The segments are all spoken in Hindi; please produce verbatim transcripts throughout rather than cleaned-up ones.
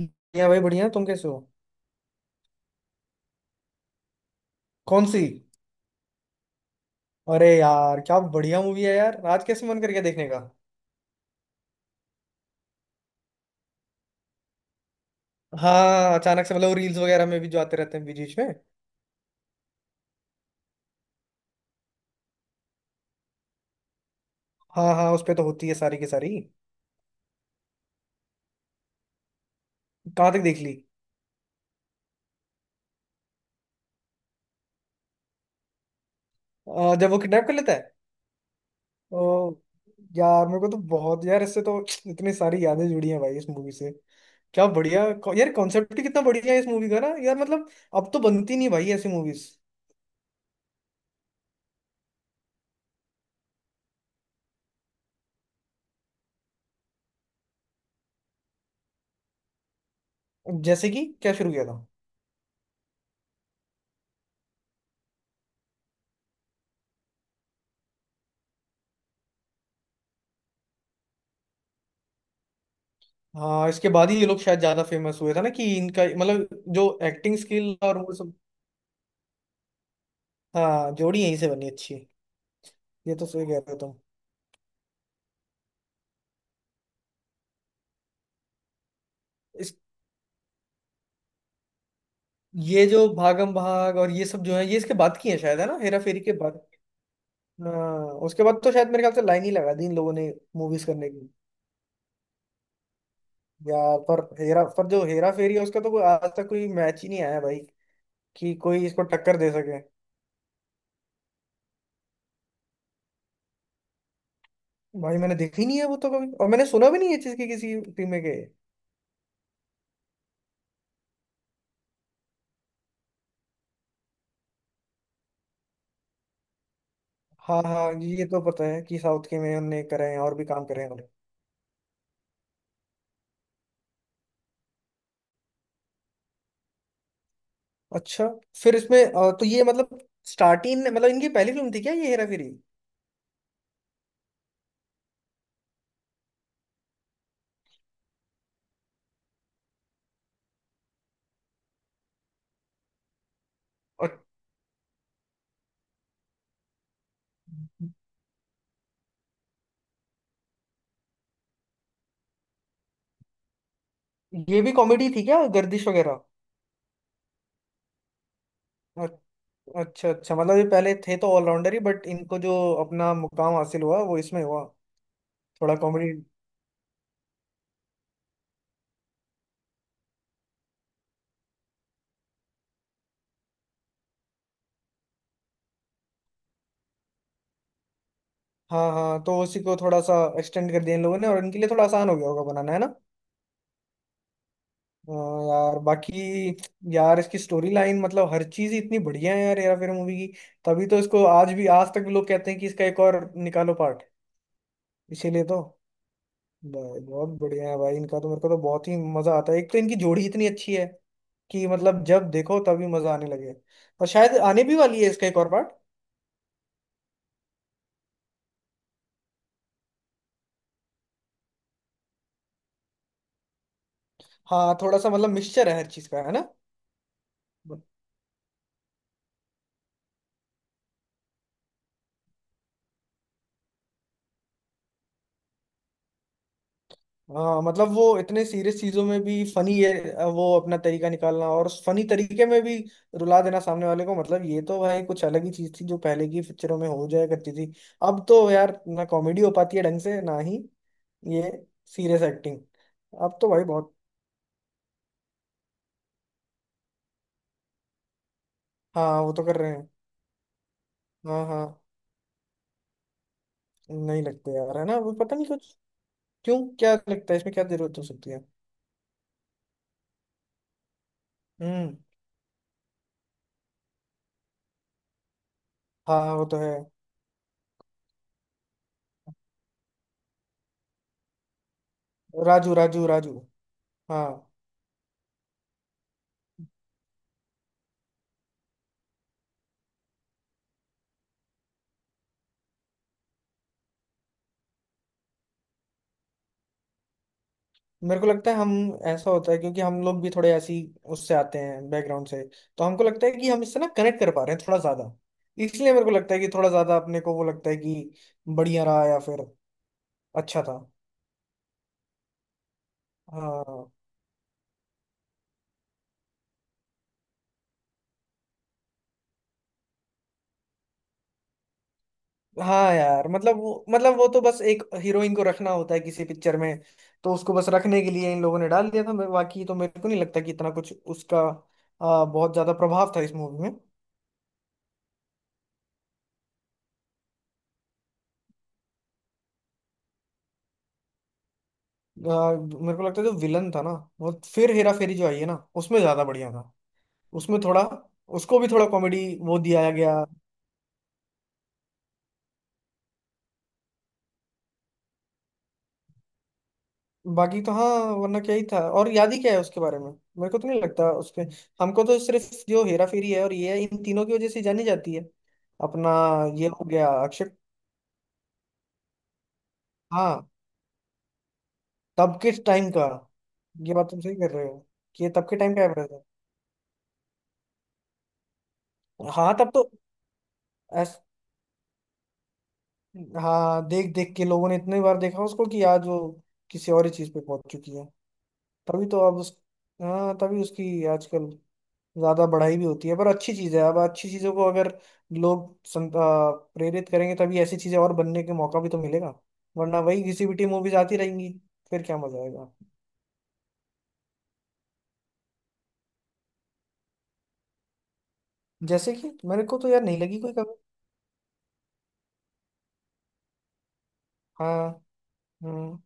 बढ़िया भाई, बढ़िया। तुम कैसे हो? कौन सी? अरे यार, क्या बढ़िया मूवी है यार। आज कैसे मन कर गया देखने का? हाँ, अचानक से मतलब रील्स वगैरह में भी जो आते रहते हैं बीच बीच में। हाँ हाँ, उस पे तो होती है सारी की सारी। कहाँ तक देख ली? अ, जब वो किडनैप कर लेता है। ओ। यार, मेरे को तो बहुत यार इससे तो इतनी सारी यादें जुड़ी हैं भाई इस मूवी से। क्या बढ़िया को- यार, कॉन्सेप्ट ही कितना बढ़िया है इस मूवी का ना यार मतलब। अब तो बनती नहीं भाई ऐसी मूवीज। जैसे कि क्या शुरू किया था? हाँ, इसके बाद ही ये लोग शायद ज्यादा फेमस हुए था ना, कि इनका मतलब जो एक्टिंग स्किल और वो सब। हाँ, जोड़ी यहीं से बनी अच्छी। ये तो सही कह रहे हो तुम। इस ये जो भागम भाग और ये सब जो है, ये इसके बाद की है शायद, है ना, हेरा फेरी के बाद। हाँ, उसके बाद तो शायद मेरे ख्याल से लाइन ही लगा दी इन लोगों ने। मूवीज करने की। यार पर हेरा पर जो हेरा फेरी है उसका तो कोई आज तक कोई मैच ही नहीं आया भाई। कि कोई इसको टक्कर दे सके। भाई, मैंने देखी नहीं है वो तो कभी, और मैंने सुना भी नहीं है इस चीज की किसी टीम में के। हाँ हाँ, ये तो पता है कि साउथ के में उनने करे हैं, और भी काम करे हैं उन्होंने। अच्छा। फिर इसमें अ, तो ये मतलब, स्टार्टिंग मतलब इनकी पहली फिल्म थी क्या ये, हेरा फेरी? और ये भी कॉमेडी थी क्या, गर्दिश वगैरह? अ- अच्छा अच्छा, मतलब ये पहले थे तो ऑलराउंडर ही, बट इनको जो अपना मुकाम हासिल हुआ वो इसमें हुआ। थोड़ा कॉमेडी। हाँ हाँ, तो उसी को थोड़ा सा एक्सटेंड कर दिया इन लोगों ने और इनके लिए थोड़ा आसान हो गया होगा बनाना, है ना। हाँ। यार बाकी, यार इसकी स्टोरी लाइन मतलब हर चीज ही इतनी बढ़िया है यार, हेरा फेरी मूवी की। तभी तो इसको आज भी, आज तक भी लोग कहते हैं कि इसका एक और निकालो पार्ट। इसीलिए तो। भाई, बहुत बढ़िया है भाई, इनका तो मेरे को तो बहुत ही मजा आता है। एक तो इनकी जोड़ी इतनी अच्छी है कि मतलब जब देखो तभी मजा आने लगे। और शायद आने भी वाली है इसका एक और पार्ट। हाँ, थोड़ा सा मतलब मिक्सचर है हर चीज का, है ना। हाँ मतलब, वो इतने सीरियस चीजों में भी फनी है, वो अपना तरीका निकालना, और फनी तरीके में भी रुला देना सामने वाले को। मतलब ये तो भाई कुछ अलग ही चीज थी जो पहले की पिक्चरों में हो जाया करती थी। अब तो यार, ना कॉमेडी हो पाती है ढंग से, ना ही ये सीरियस एक्टिंग। अब तो भाई बहुत। हाँ, वो तो कर रहे हैं। हाँ हाँ। नहीं लगते यार, है ना, वो पता नहीं कुछ। क्यों? क्या लगता है इसमें, क्या जरूरत हो सकती है? हम्म। हाँ, वो तो है। राजू, राजू, राजू। हाँ, मेरे को लगता है हम, ऐसा होता है क्योंकि हम लोग भी थोड़े ऐसी उससे आते हैं बैकग्राउंड से। तो हमको लगता है कि हम इससे ना कनेक्ट कर पा रहे हैं थोड़ा ज्यादा। इसलिए मेरे को लगता है कि थोड़ा ज्यादा अपने को वो लगता है कि बढ़िया रहा, या फिर अच्छा था। हाँ। हाँ यार, मतलब वो मतलब वो तो बस एक हीरोइन को रखना होता है किसी पिक्चर में। तो उसको बस रखने के लिए इन लोगों ने डाल दिया था मैं- बाकी तो मेरे को नहीं लगता कि इतना कुछ उसका आ, बहुत ज्यादा प्रभाव था इस मूवी में। आ, मेरे को लगता है जो विलन था ना, वो फिर हेरा फेरी जो आई है ना उसमें ज्यादा बढ़िया था। उसमें थोड़ा, उसको भी थोड़ा कॉमेडी वो दिया गया। बाकी तो हाँ, वरना क्या ही था, और याद ही क्या है उसके बारे में? मेरे को तो नहीं लगता उसके। हमको तो सिर्फ जो हेरा फेरी है और ये है, इन तीनों की वजह से जानी जाती है। अपना, ये हो गया अक्षय। हाँ, तब के टाइम का। ये बात तुम सही कर रहे हो, कि ये तब के टाइम का एवरेज है। हाँ तब तो। ऐस, हाँ, देख देख के लोगों ने इतने बार देखा उसको कि आज वो किसी और ही चीज पे पहुंच चुकी है। तभी तो अब उस, हाँ, तभी उसकी आजकल ज्यादा बढ़ाई भी होती है। पर अच्छी चीज है, अब अच्छी चीजों को अगर लोग सं- आ, प्रेरित करेंगे तभी ऐसी चीजें और बनने के मौका भी तो मिलेगा। वरना वही घिसी पिटी मूवीज आती रहेंगी। फिर क्या मजा आएगा? जैसे कि मेरे को तो यार नहीं लगी कोई कमी। हाँ। हम्म।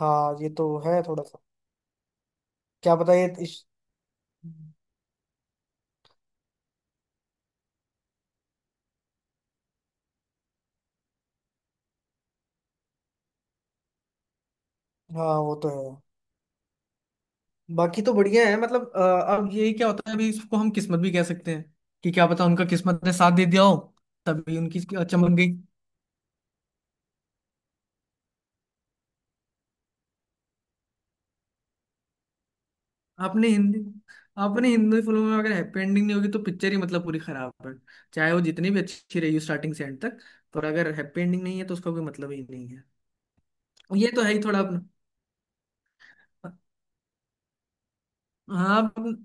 हाँ, ये तो है थोड़ा सा। क्या पता ये इस, हाँ वो तो है। बाकी तो बढ़िया है मतलब आ, अब यही क्या होता है, अभी इसको हम किस्मत भी कह सकते हैं कि क्या पता उनका किस्मत ने साथ दे दिया हो, तभी उनकी चमक गई। आपने हिंदी आपने हिंदी फिल्मों में अगर हैप्पी एंडिंग नहीं होगी तो पिक्चर ही मतलब पूरी खराब है। चाहे वो जितनी भी अच्छी रही हो स्टार्टिंग से एंड तक, पर अगर हैप्पी एंडिंग नहीं है तो उसका कोई मतलब ही नहीं है। ये तो है ही थोड़ा अपना। हाँ अपन-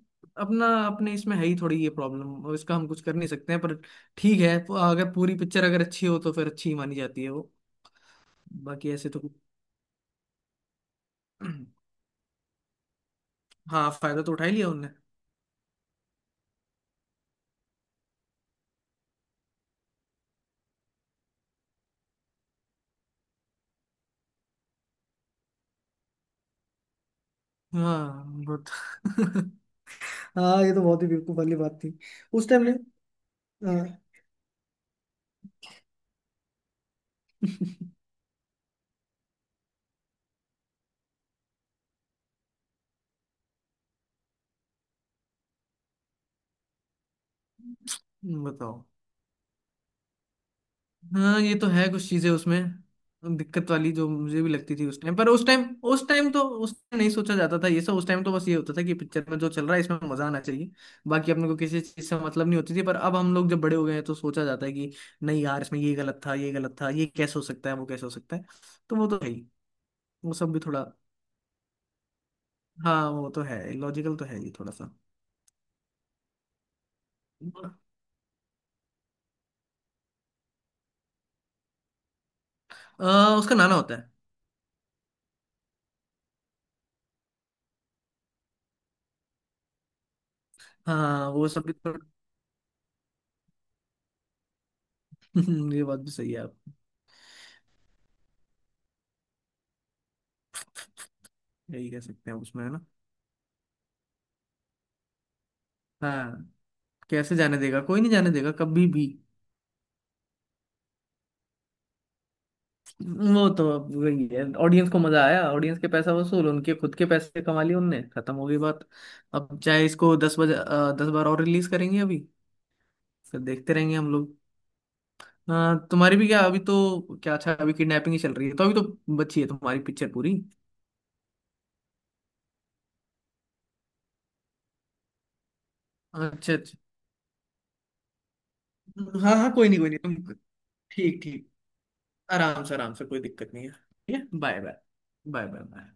अपना, अपने इसमें है ही थोड़ी ये प्रॉब्लम, इसका हम कुछ कर नहीं सकते हैं पर, ठीक है। अगर पूरी पिक्चर अगर अच्छी हो तो फिर अच्छी ही मानी जाती है वो। बाकी ऐसे तो हाँ, फायदा तो उठा ही लिया उनने। हाँ बहुत। हाँ, ये तो बहुत ही बेवकूफ वाली बात थी, उस टाइम में। हाँ। बताओ। हाँ, ये तो है कुछ चीजें उसमें दिक्कत वाली जो मुझे भी लगती थी, उस टाइम पर। उस टाइम उस टाइम तो उस टाइम नहीं सोचा जाता था ये सब। उस टाइम तो बस ये होता था कि पिक्चर में जो चल रहा है इसमें मजा आना चाहिए। बाकी अपने को किसी चीज से मतलब नहीं होती थी, पर अब हम लोग जब बड़े हो गए हैं तो सोचा जाता है कि नहीं यार, इसमें ये गलत था, ये गलत था, ये कैसे हो सकता है, वो कैसे हो सकता है। तो वो तो है ही। वो सब भी थोड़ा, हाँ वो तो है, लॉजिकल तो है ये थोड़ा सा। आ, उसका नाना होता है। हाँ, वो सब भी थोड़ा। ये बात भी सही है आप, यही कह सकते हैं उसमें, है ना। हाँ, कैसे जाने देगा? कोई नहीं जाने देगा कभी भी। वो तो अब वही है, ऑडियंस को मजा आया, ऑडियंस के पैसा वसूल, उनके खुद के पैसे कमा लिए उनने, खत्म हो गई बात। अब चाहे इसको दस बजे अ, दस बार और रिलीज करेंगे अभी, फिर देखते रहेंगे हम लोग। हाँ, तुम्हारी भी क्या अभी तो, क्या अच्छा, अभी किडनैपिंग ही चल रही है, तो अभी तो बची है तुम्हारी पिक्चर पूरी। अच्छा अच्छा। हाँ हाँ, कोई नहीं, कोई नहीं तुम। ठीक ठीक। आराम से, आराम से, कोई दिक्कत नहीं है, ठीक है, bye bye. Bye bye bye.